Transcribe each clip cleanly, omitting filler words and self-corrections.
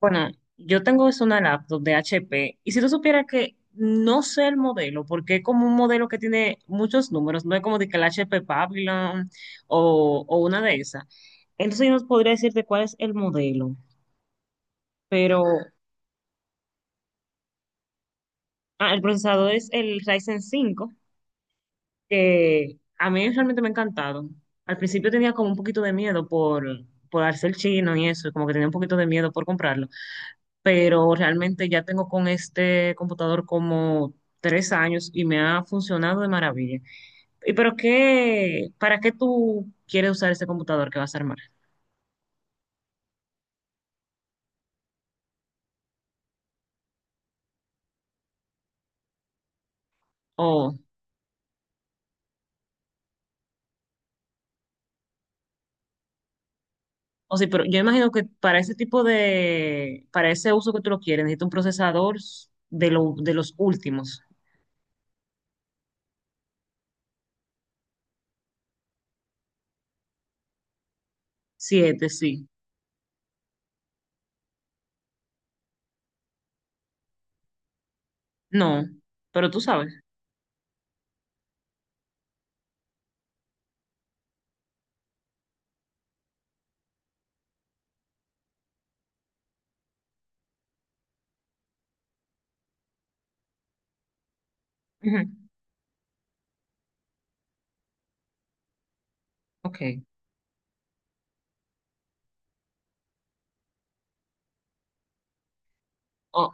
Bueno, yo tengo es una laptop de HP y si tú supieras que no sé el modelo, porque es como un modelo que tiene muchos números, no es como de que el HP Pavilion o una de esas. Entonces yo no podría decirte cuál es el modelo, pero el procesador es el Ryzen 5 que a mí realmente me ha encantado. Al principio tenía como un poquito de miedo por al ser chino y eso, como que tenía un poquito de miedo por comprarlo. Pero realmente ya tengo con este computador como 3 años y me ha funcionado de maravilla. ¿Y pero qué, para qué tú quieres usar este computador que vas a armar? O, o sí, pero yo imagino que para ese tipo de, para ese uso que tú lo quieres, necesito un procesador de, lo, de los últimos. Siete, sí. No, pero tú sabes. Ujú. Ok. O-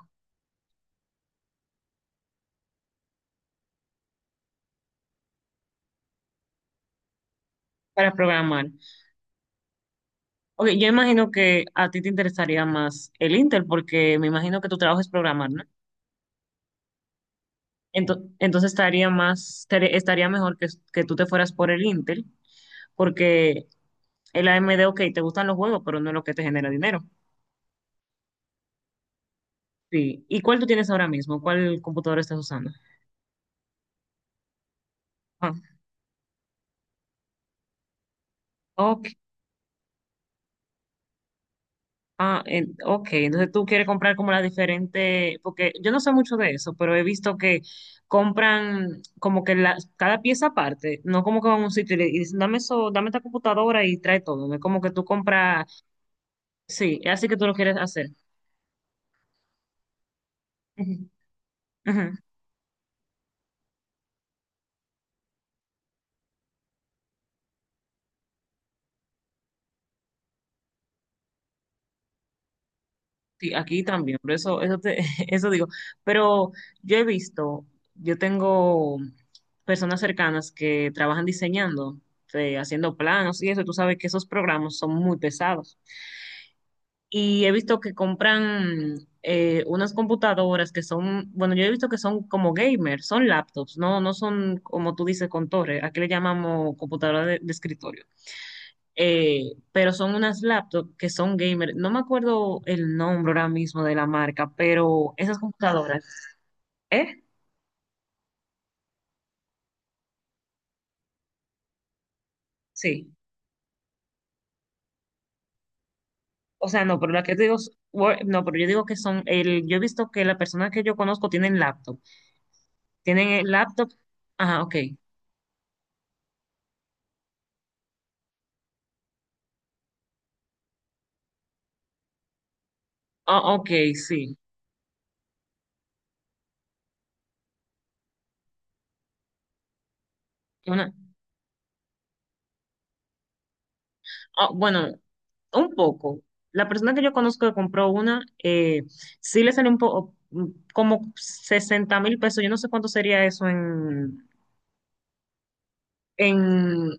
para programar. Ok, yo imagino que a ti te interesaría más el Intel porque me imagino que tu trabajo es programar, ¿no? Entonces estaría más, estaría mejor que tú te fueras por el Intel, porque el AMD, ok, te gustan los juegos, pero no es lo que te genera dinero. Sí. ¿Y cuál tú tienes ahora mismo? ¿Cuál computadora estás usando? Ah, ok. Ah, ok. Entonces tú quieres comprar como la diferente, porque yo no sé mucho de eso, pero he visto que compran como que la, cada pieza aparte, no como que van a un sitio y le y dicen, dame eso, dame esta computadora y trae todo. No es como que tú compras, sí, así que tú lo quieres hacer. Ujú. Ujú. Sí, aquí también, por eso, eso te- eso digo. Pero yo he visto, yo tengo personas cercanas que trabajan diseñando, haciendo planos y eso, tú sabes que esos programas son muy pesados. Y he visto que compran unas computadoras que son, bueno, yo he visto que son como gamers, son laptops, no son como tú dices con torre, aquí le llamamos computadora de escritorio pero son unas laptops que son gamer. No me acuerdo el nombre ahora mismo de la marca, pero esas computadoras, ¿eh? Sí. O sea, no, pero la que te digo, es no, pero yo digo que son, el, yo he visto que la persona que yo conozco tienen laptop. Tienen el laptop, ajá, ok. Ah, ok, sí. Una, ah, bueno, un poco. La persona que yo conozco que compró una, sí le salió un poco, como 60.000 pesos. Yo no sé cuánto sería eso en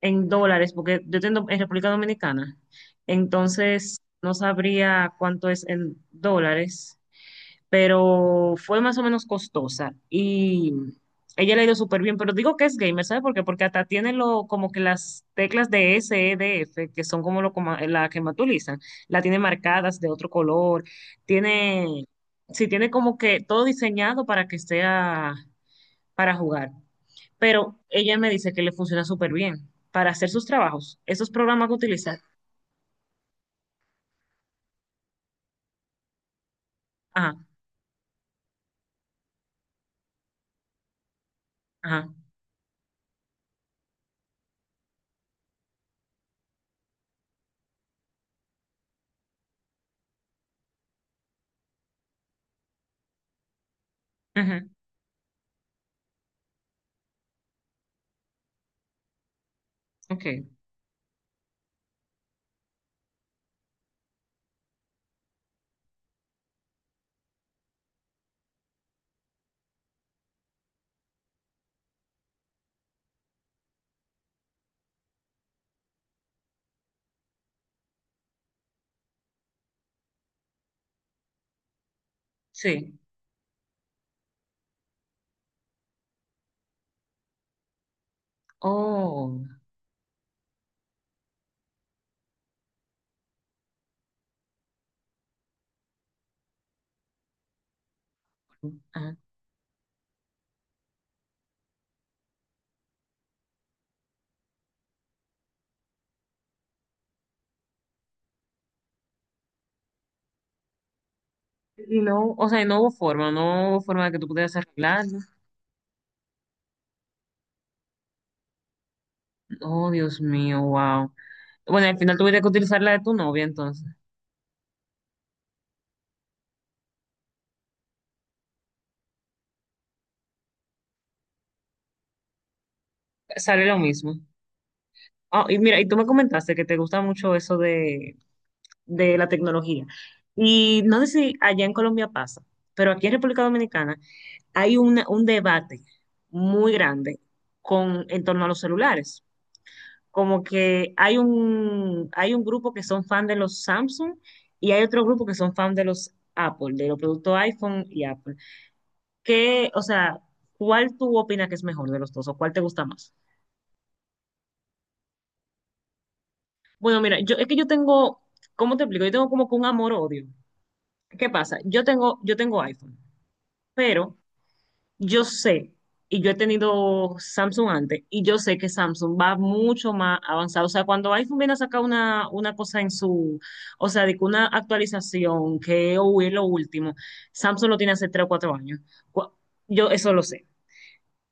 en dólares, porque yo tengo en República Dominicana, entonces no sabría cuánto es en dólares, pero fue más o menos costosa y ella le ha ido súper bien, pero digo que es gamer, ¿sabes por qué? Porque hasta tiene lo, como que las teclas de S, E, D, F, que son como lo, coma- la que más utilizan, la tiene marcadas de otro color, tiene, sí, tiene como que todo diseñado para que sea para jugar pero ella me dice que le funciona súper bien para hacer sus trabajos, esos programas que utiliza. Ajá, ajá, ajá, ok, sí. Oh, ajá. Y no, o sea, y no hubo forma, no hubo forma de que tú pudieras arreglarlo. Oh, Dios mío, wow. Bueno, al final tuviste que utilizar la de tu novia, entonces. Sale lo mismo. Ah, y mira, y tú me comentaste que te gusta mucho eso de la tecnología. Y no sé si allá en Colombia pasa, pero aquí en República Dominicana hay un debate muy grande con, en torno a los celulares. Como que hay un grupo que son fan de los Samsung y hay otro grupo que son fan de los Apple, de los productos iPhone y Apple. ¿Qué, o sea, cuál tú opinas que es mejor de los dos o cuál te gusta más? Bueno, mira, yo, es que yo tengo, ¿cómo te explico? Yo tengo como que un amor-odio. ¿Qué pasa? Yo tengo iPhone, pero yo sé, y yo he tenido Samsung antes, y yo sé que Samsung va mucho más avanzado. O sea, cuando iPhone viene a sacar una cosa en su, o sea, de que una actualización, que hoy es lo último, Samsung lo tiene hace 3 o 4 años. Cu- Yo eso lo sé.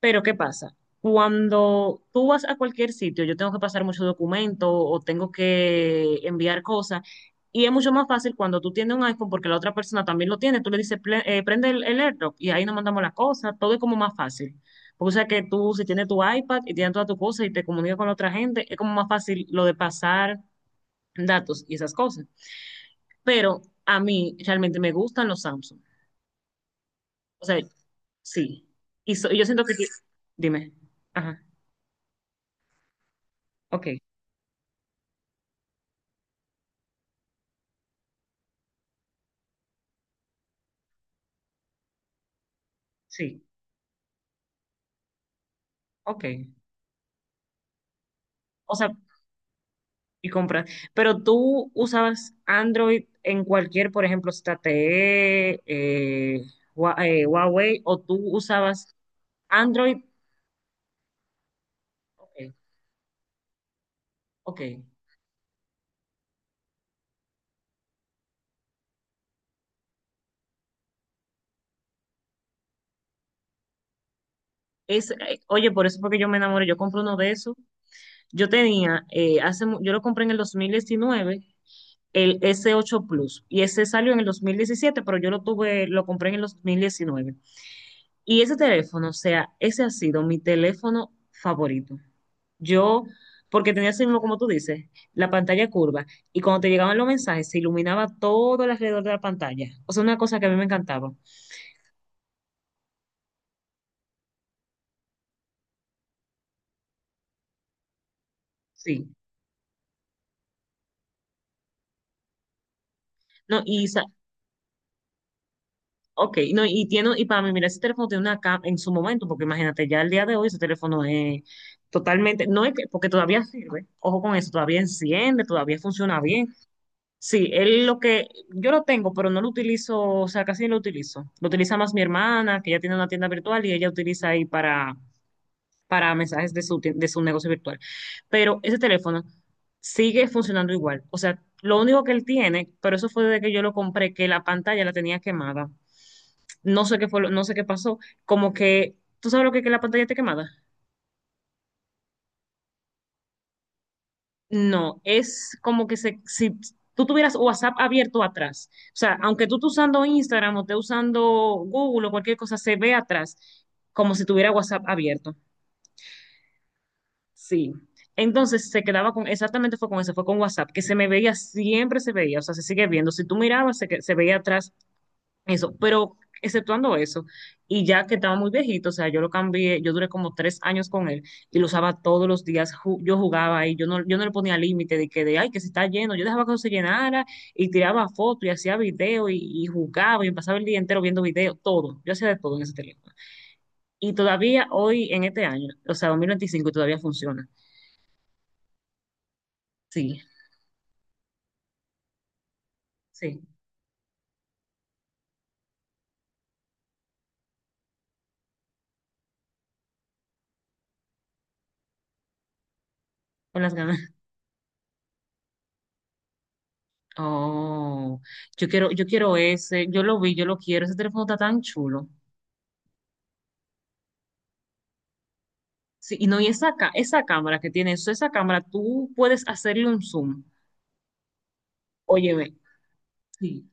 Pero ¿qué pasa? Cuando tú vas a cualquier sitio, yo tengo que pasar muchos documentos o tengo que enviar cosas. Y es mucho más fácil cuando tú tienes un iPhone porque la otra persona también lo tiene. Tú le dices, prende el AirDrop y ahí nos mandamos las cosas". Todo es como más fácil. Porque o sea que tú, si tienes tu iPad y tienes todas tus cosas y te comunicas con la otra gente, es como más fácil lo de pasar datos y esas cosas. Pero a mí realmente me gustan los Samsung. O sea, sí. Y, y yo siento que... Dime. Ajá. Ok. Sí. Ok. O sea, y compras. Pero tú usabas Android en cualquier, por ejemplo, ZTE, Huawei, o tú usabas Android. Ok, ok. Oye, por eso fue que yo me enamoré. Yo compré uno de esos. Yo tenía, hace, yo lo compré en el 2019, el S8 Plus. Y ese salió en el 2017, pero yo lo tuve, lo compré en el 2019. Y ese teléfono, o sea, ese ha sido mi teléfono favorito. Yo, porque tenía así mismo, como tú dices, la pantalla curva. Y cuando te llegaban los mensajes, se iluminaba todo el alrededor de la pantalla. O sea, una cosa que a mí me encantaba. Sí. No, y, ok, no, y tiene, y para mí, mira, ese teléfono tiene una cámara en su momento, porque imagínate, ya el día de hoy ese teléfono es totalmente, no es que, porque todavía sirve. Ojo con eso, todavía enciende, todavía funciona bien. Sí, él lo que yo lo tengo, pero no lo utilizo, o sea, casi no lo utilizo. Lo utiliza más mi hermana, que ella tiene una tienda virtual y ella utiliza ahí para mensajes de su, de su negocio virtual. Pero ese teléfono sigue funcionando igual. O sea, lo único que él tiene, pero eso fue desde que yo lo compré, que la pantalla la tenía quemada. No sé qué fue, no sé qué pasó, como que, ¿tú sabes lo que es que la pantalla esté quemada? No, es como que si tú tuvieras WhatsApp abierto atrás, o sea, aunque tú estés usando Instagram o estés usando Google o cualquier cosa, se ve atrás como si tuviera WhatsApp abierto. Sí. Entonces se quedaba con, exactamente fue con eso, fue con WhatsApp, que se me veía, siempre se veía, o sea, se sigue viendo. Si tú mirabas, se, se veía atrás eso, pero exceptuando eso, y ya que estaba muy viejito, o sea, yo lo cambié, yo duré como 3 años con él y lo usaba todos los días, yo jugaba ahí, yo no, yo no le ponía límite de que de, ay, que se está lleno, yo dejaba que se llenara y tiraba fotos y hacía video y jugaba y me pasaba el día entero viendo video, todo, yo hacía de todo en ese teléfono. Y todavía hoy, en este año, o sea, 2025 todavía funciona. Sí, sí, con las ganas. Oh, yo quiero ese, yo lo vi, yo lo quiero, ese teléfono está tan chulo. Sí, y no, y esa, esa cámara que tiene eso, esa cámara, tú puedes hacerle un zoom. Oye ve sí.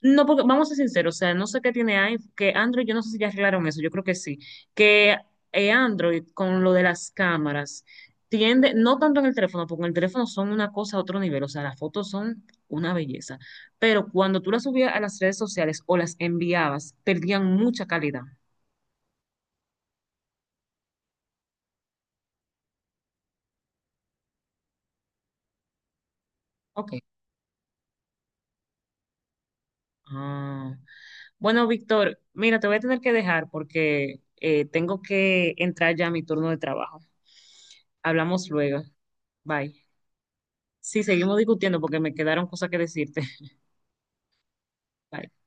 No, porque vamos a ser sinceros, o sea, no sé qué tiene iPhone, que Android, yo no sé si ya arreglaron eso, yo creo que sí. Que Android, con lo de las cámaras, tiende, no tanto en el teléfono, porque en el teléfono son una cosa a otro nivel, o sea, las fotos son una belleza. Pero cuando tú las subías a las redes sociales o las enviabas, perdían mucha calidad. Ok. Ah. Bueno, Víctor, mira, te voy a tener que dejar porque tengo que entrar ya a mi turno de trabajo. Hablamos luego. Bye. Sí, seguimos discutiendo porque me quedaron cosas que decirte. Bye.